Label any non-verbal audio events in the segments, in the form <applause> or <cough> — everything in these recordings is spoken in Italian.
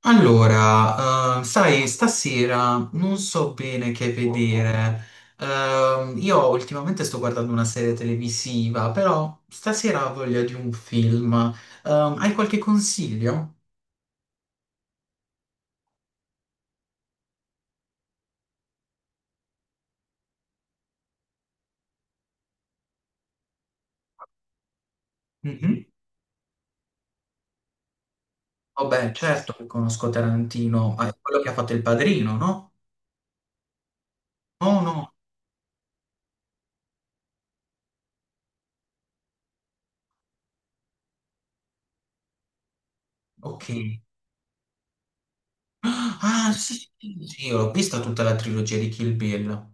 Allora, sai, stasera non so bene che vedere. Io ultimamente sto guardando una serie televisiva, però stasera ho voglia di un film. Hai qualche consiglio? Mhm. Vabbè, certo che conosco Tarantino, ma è quello che ha fatto Il Padrino, no? Oh no, ok. Ah, sì, sì, sì, sì, ho visto tutta la trilogia di Kill Bill.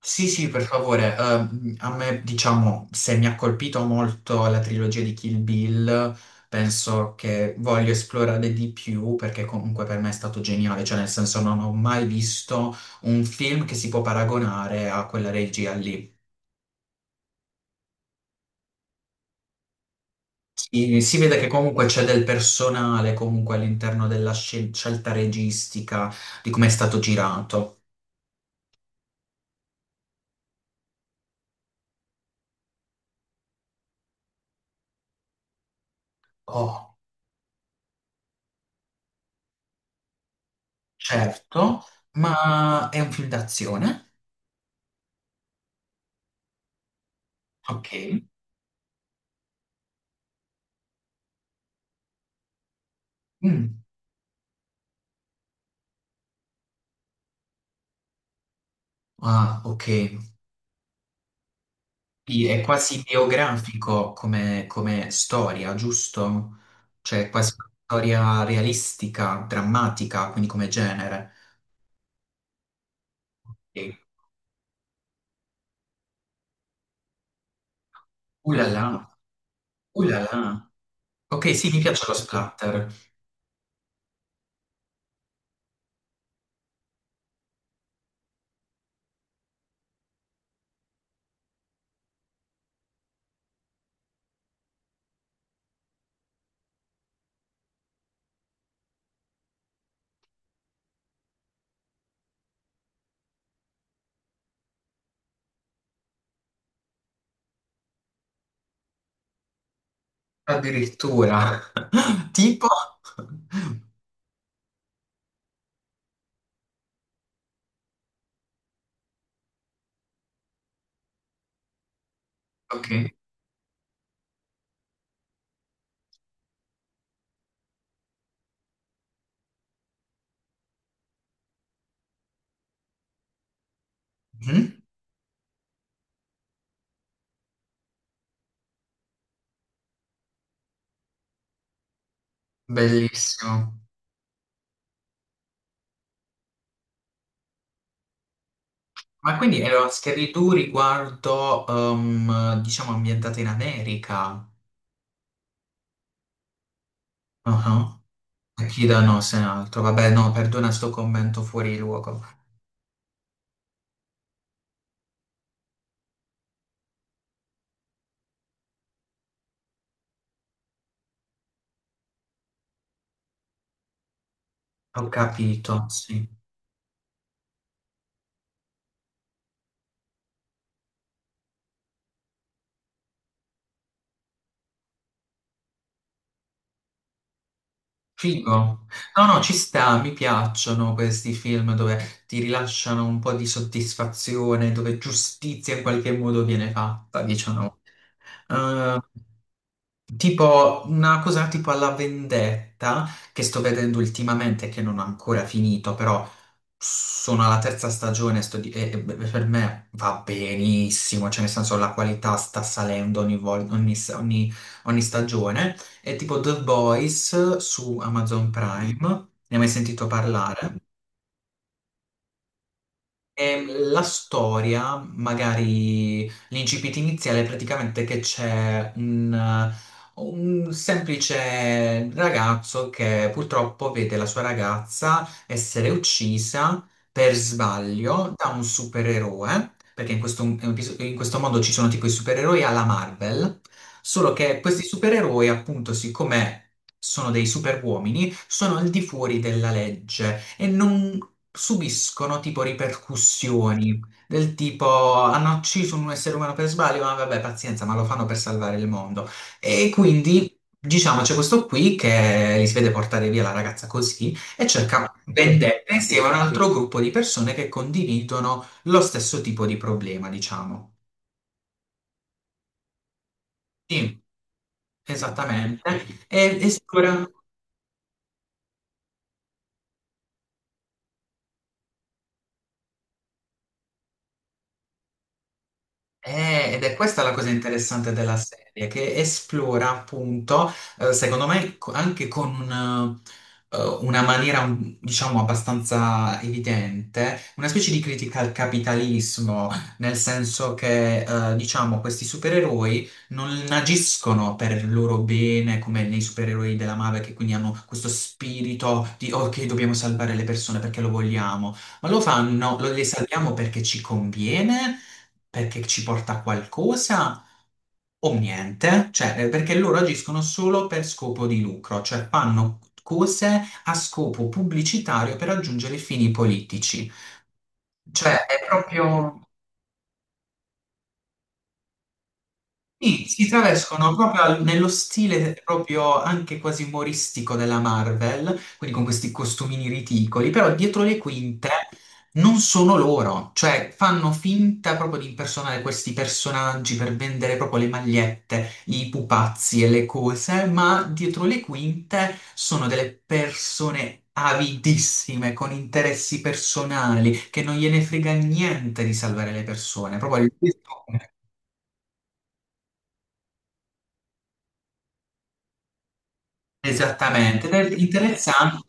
Sì, sì, per favore. A me, diciamo, se mi ha colpito molto la trilogia di Kill Bill, penso che voglio esplorare di più perché comunque per me è stato geniale, cioè nel senso non ho mai visto un film che si può paragonare a quella regia lì. Si vede che comunque c'è del personale comunque all'interno della scelta registica, di come è stato girato. Oh, certo, ma è un film d'azione, ok. Mm. Ah, ok. Quindi è quasi biografico come storia, giusto? Cioè, è quasi una storia realistica, drammatica, quindi come genere. E- là là, là là. Ok, sì, mi piace lo splatter. Addirittura. <laughs> Tipo. Ok. Mhm. Bellissimo. Ma quindi era Scary Doo riguardo, diciamo, ambientata in America. Ah. Ah. Akira no, se ne altro. Vabbè, no, perdona sto commento fuori luogo. Ho capito, sì. Figo. No, no, ci sta, mi piacciono questi film dove ti rilasciano un po' di soddisfazione, dove giustizia in qualche modo viene fatta, diciamo. Eh, tipo una cosa tipo alla vendetta che sto vedendo ultimamente, che non ho ancora finito, però sono alla terza stagione, e per me va benissimo, cioè nel senso la qualità sta salendo ogni, vol- ogni, s- ogni- ogni stagione. È tipo The Boys su Amazon Prime, ne hai mai sentito parlare? E la storia, magari l'incipit iniziale, è praticamente che c'è un semplice ragazzo che purtroppo vede la sua ragazza essere uccisa per sbaglio da un supereroe, perché in questo mondo ci sono tipo i supereroi alla Marvel, solo che questi supereroi, appunto, siccome sono dei superuomini, sono al di fuori della legge e non subiscono tipo ripercussioni del tipo hanno ucciso un essere umano per sbaglio, ma vabbè, pazienza, ma lo fanno per salvare il mondo. E quindi diciamo c'è questo qui che li si vede portare via la ragazza così e cerca vendetta insieme a un altro gruppo di persone che condividono lo stesso tipo di problema, diciamo. Sì, esattamente. E, e sicura- Ed è questa la cosa interessante della serie, che esplora appunto, secondo me, anche con una maniera, diciamo, abbastanza evidente, una specie di critica al capitalismo, nel senso che, diciamo, questi supereroi non agiscono per il loro bene, come nei supereroi della Marvel, che quindi hanno questo spirito di, ok, dobbiamo salvare le persone perché lo vogliamo, ma lo fanno, le salviamo perché ci conviene perché ci porta a qualcosa o niente, cioè, perché loro agiscono solo per scopo di lucro, cioè fanno cose a scopo pubblicitario per raggiungere fini politici. Cioè è proprio. Sì, si travescono proprio nello stile proprio anche quasi umoristico della Marvel, quindi con questi costumini ridicoli, però dietro le quinte non sono loro, cioè fanno finta proprio di impersonare questi personaggi per vendere proprio le magliette, i pupazzi e le cose, ma dietro le quinte sono delle persone avidissime, con interessi personali, che non gliene frega niente di salvare le persone, proprio all'ultimo. Esattamente, ed è interessante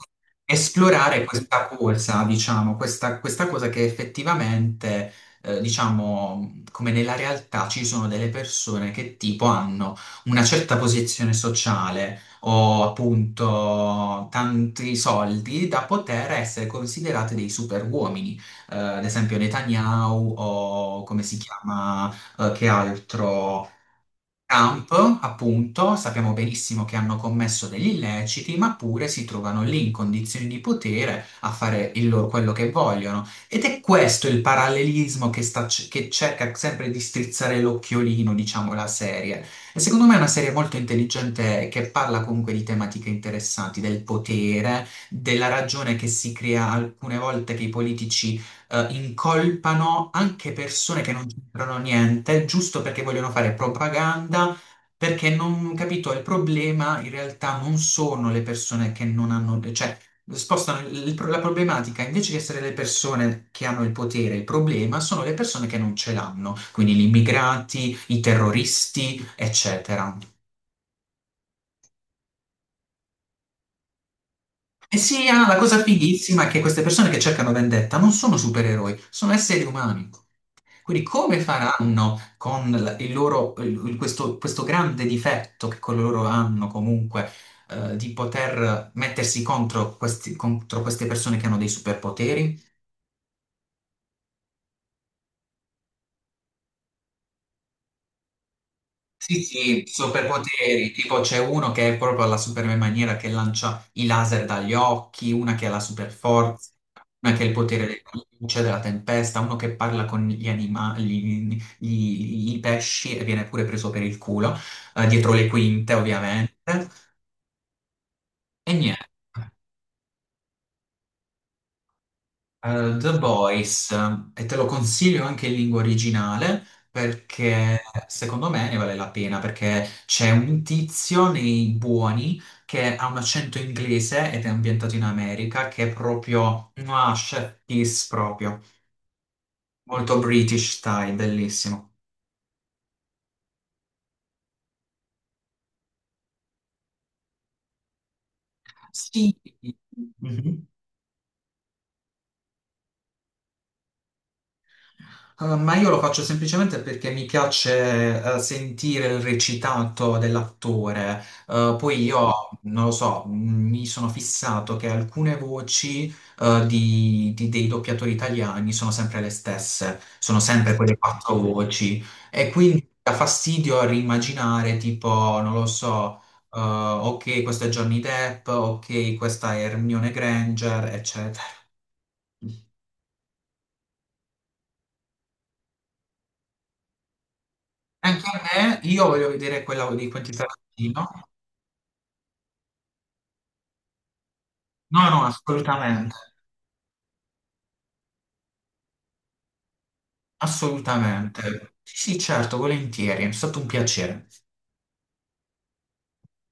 esplorare questa corsa, diciamo, questa cosa che effettivamente, diciamo, come nella realtà ci sono delle persone che tipo hanno una certa posizione sociale o appunto tanti soldi da poter essere considerate dei superuomini. Ad esempio Netanyahu o come si chiama, che altro? Trump, appunto, sappiamo benissimo che hanno commesso degli illeciti, ma pure si trovano lì in condizioni di potere a fare quello che vogliono. Ed è questo il parallelismo che cerca sempre di strizzare l'occhiolino, diciamo, la serie. E secondo me è una serie molto intelligente che parla comunque di tematiche interessanti, del potere, della ragione che si crea alcune volte che i politici incolpano anche persone che non c'entrano niente, giusto perché vogliono fare propaganda, perché non capito, il problema in realtà non sono le persone che non hanno, cioè spostano la problematica, invece di essere le persone che hanno il potere, il problema sono le persone che non ce l'hanno, quindi gli immigrati, i terroristi, eccetera. E sì, Anna, la cosa fighissima è che queste persone che cercano vendetta non sono supereroi, sono esseri umani. Quindi come faranno con il loro, questo grande difetto che con loro hanno comunque, di poter mettersi contro, contro queste persone che hanno dei superpoteri? Sì, sì, superpoteri, tipo c'è uno che è proprio alla Superman maniera che lancia i laser dagli occhi, una che ha la superforza, una che ha il potere della luce, della tempesta, uno che parla con gli animali, i pesci e viene pure preso per il culo, dietro le quinte ovviamente. E niente, The Boys, e te lo consiglio anche in lingua originale perché secondo me ne vale la pena perché c'è un tizio nei buoni che ha un accento inglese ed è ambientato in America che è proprio, ah, chef kiss proprio, molto British style, bellissimo. Sì. Mhm. Ma io lo faccio semplicemente perché mi piace sentire il recitato dell'attore. Poi io, non lo so, mi sono fissato che alcune voci dei doppiatori italiani sono sempre le stesse, sono sempre quelle quattro voci. E quindi dà fastidio a rimaginare, tipo, non lo so, ok, questo è Johnny Depp, ok, questa è Hermione Granger, eccetera. Anche a me, io voglio vedere quella di Quentin Tarantino. No, no, assolutamente, assolutamente. Sì, sì, certo, volentieri, è stato un piacere.